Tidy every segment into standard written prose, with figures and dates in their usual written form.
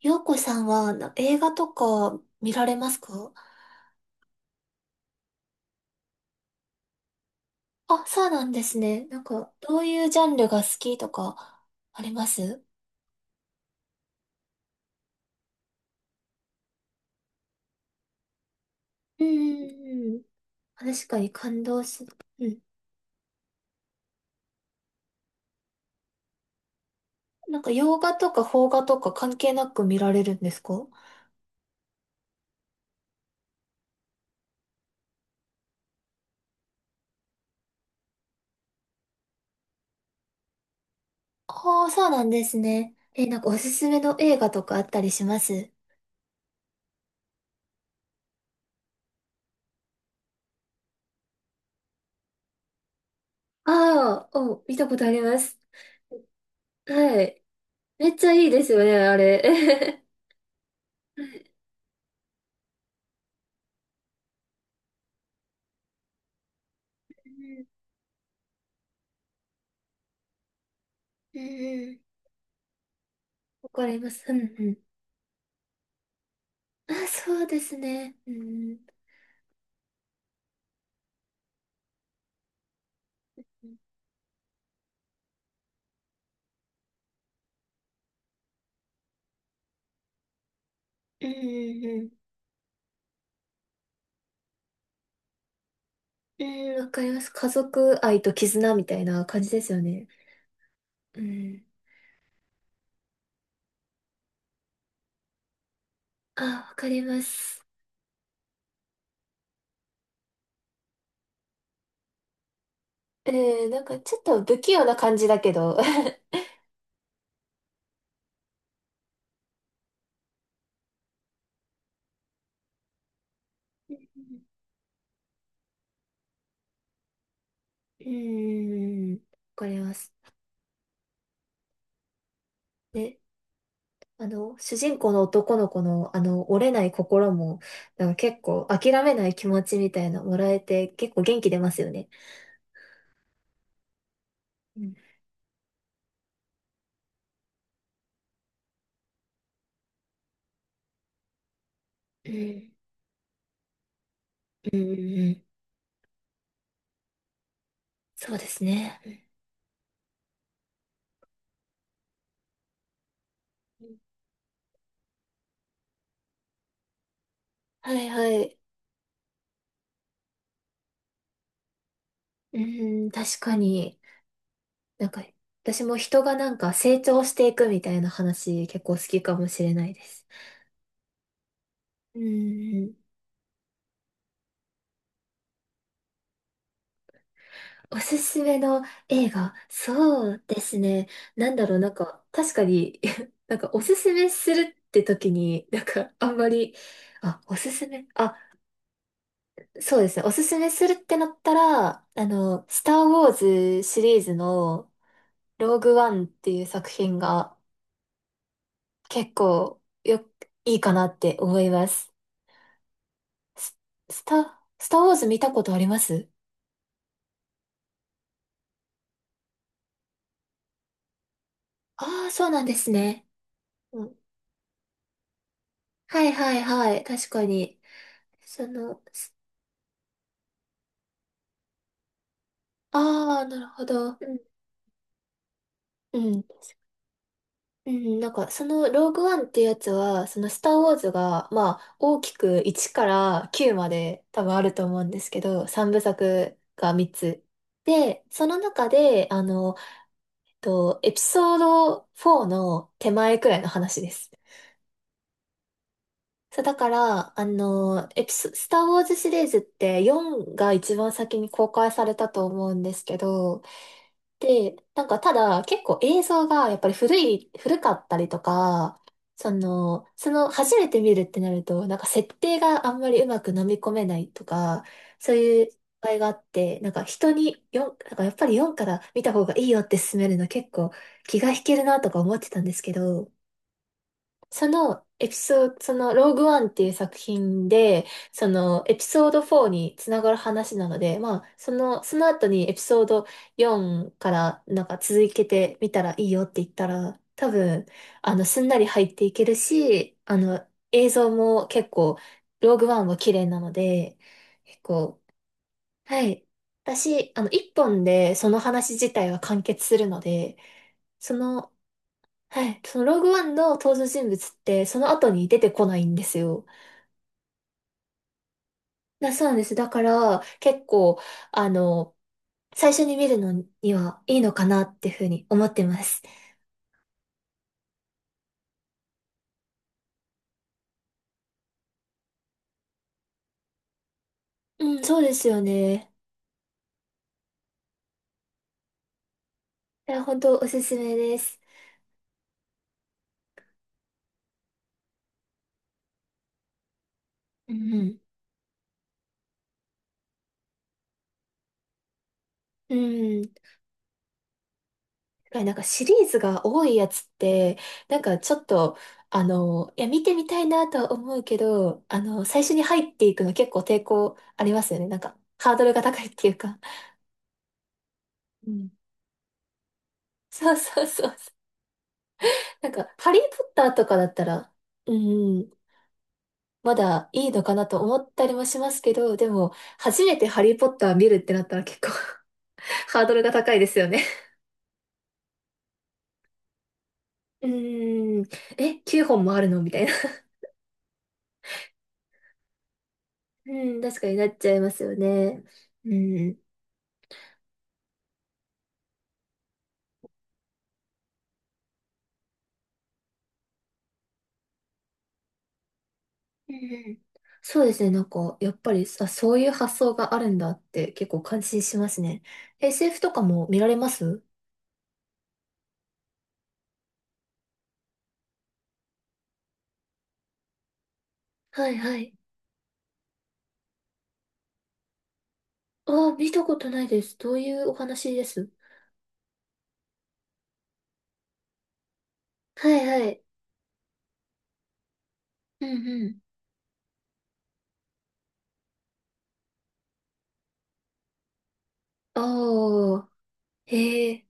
洋子さんは映画とか見られますか？あ、そうなんですね。なんか、どういうジャンルが好きとか、あります？うんうんうん。確かに感動する。うん。なんか、洋画とか邦画とか関係なく見られるんですか？ああ、そうなんですね。え、なんかおすすめの映画とかあったりします？ああー、お、見たことあります。はい。めっちゃいいですよね、あれ。はい。うんうんうん。うん、わかります。うんうん。あ、そうですね。うん。うんうんうん。うん、わかります。家族愛と絆みたいな感じですよね。うん。あ、わかります。えなんかちょっと不器用な感じだけど。うん。わかります。で、主人公の男の子の、折れない心も、なんか結構諦めない気持ちみたいなもらえて、結構元気出ますよね。うん。うん。うんうんうん。そうですね。うん。はいはい。うーん、確かに。なんか、私も人がなんか成長していくみたいな話結構好きかもしれないです。うーん、おすすめの映画。そうですね。なんだろう、なんか、確かに なんかおすすめするって時に、なんかあんまり、あ、おすすめ、あ、そうですね。おすすめするってなったら、スター・ウォーズシリーズのローグワンっていう作品が結構いいかなって思います。ス、スターウォーズ見たことあります？ああ、そうなんですね。うん。はいはいはい。確かに。その、すああ、なるほど。うん。うん。うん、なんか、その、ローグワンってやつは、その、スターウォーズが、まあ、大きく1から9まで多分あると思うんですけど、3部作が3つ。で、その中で、エピソード4の手前くらいの話です。そう、だから、あの、エピソ、スター・ウォーズシリーズって4が一番先に公開されたと思うんですけど、で、なんかただ結構映像がやっぱり古かったりとか、その初めて見るってなると、なんか設定があんまりうまく飲み込めないとか、そういう場合があって、なんか人に4、なんかやっぱり4から見た方がいいよって勧めるの結構気が引けるなとか思ってたんですけど、そのエピソード、そのローグワンっていう作品で、そのエピソード4につながる話なので、まあ、その後にエピソード4からなんか続けてみたらいいよって言ったら、多分、すんなり入っていけるし、映像も結構、ローグワンは綺麗なので、結構、はい。私、一本でその話自体は完結するので、その、はい。そのローグワンの登場人物ってその後に出てこないんですよ。そうなんです。だから結構、あの、最初に見るのにはいいのかなっていうふうに思ってます。うん、そうですよね。いや、本当おすすめです。うんうん。うん。だからなんかシリーズが多いやつって、なんかちょっと、いや、見てみたいなとは思うけど、最初に入っていくの結構抵抗ありますよね。なんか、ハードルが高いっていうか。うん。そうそうそうそう。なんか、ハリー・ポッターとかだったら、うん、まだいいのかなと思ったりもしますけど、でも、初めてハリー・ポッター見るってなったら結構 ハードルが高いですよね。うん、え、9本もあるのみたいな。うん、確かになっちゃいますよね。うん、うん、そうですね、なんか、やっぱりさ、そういう発想があるんだって結構感心しますね。SF とかも見られます？はいはい。ああ、見たことないです。どういうお話です？はいはい。うん。おー、へえ、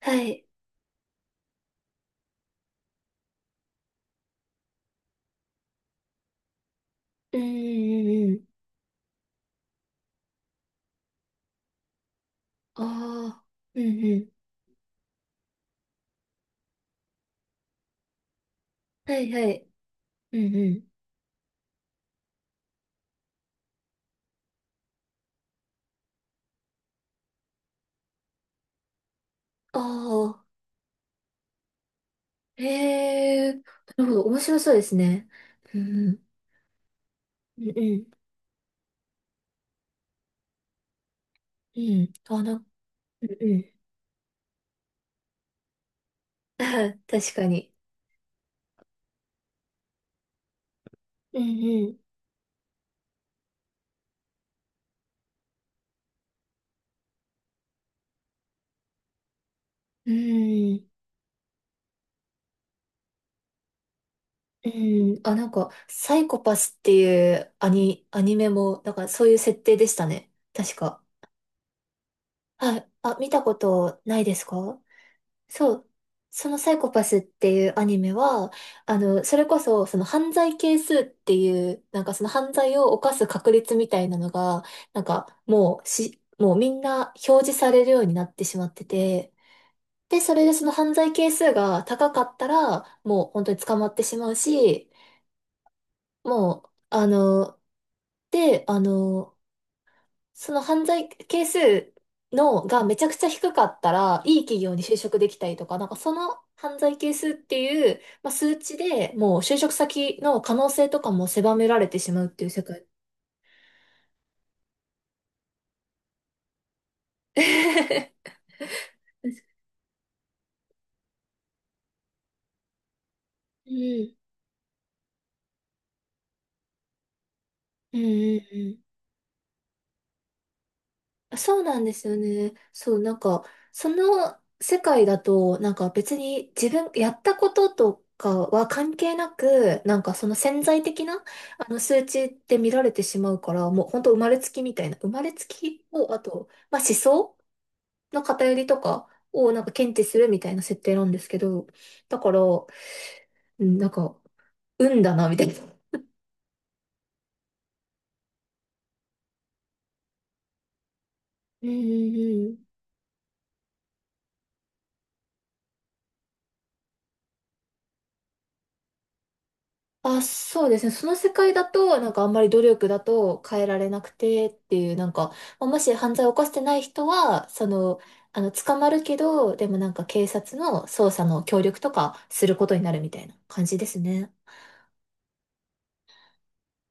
はい。うんうんうん。ああ、うんうん。はいはい。うんうん。ああ、へえ、なるほど。面白そうですね。うんうん。うんうん。うん。うんうん。あ、確かに。うんうん。うんうん。あ、なんか、サイコパスっていうアニメも、なんかそういう設定でしたね。確か。はい。あ、見たことないですか？そう、そのサイコパスっていうアニメは、それこそ、その犯罪係数っていう、なんかその犯罪を犯す確率みたいなのが、もうみんな表示されるようになってしまってて、で、それでその犯罪係数が高かったら、もう本当に捕まってしまうし、もう、で、その犯罪係数のがめちゃくちゃ低かったら、いい企業に就職できたりとか、なんかその犯罪係数っていう、まあ、数値でもう就職先の可能性とかも狭められてしまうっていう世界。うん。うんうんうん。そうなんですよね。そう、なんか、その世界だと、なんか別に自分、やったこととかは関係なく、なんかその潜在的な、あの数値って見られてしまうから、もう本当生まれつきみたいな、生まれつきを、あと、まあ思想の偏りとかをなんか検知するみたいな設定なんですけど、だから、うん、なんか、運だな、みたいな。うんうんうん。あ、そうですね。その世界だと、なんかあんまり努力だと変えられなくてっていう、なんか、まあもし犯罪を犯してない人は、その、捕まるけど、でもなんか警察の捜査の協力とかすることになるみたいな感じですね。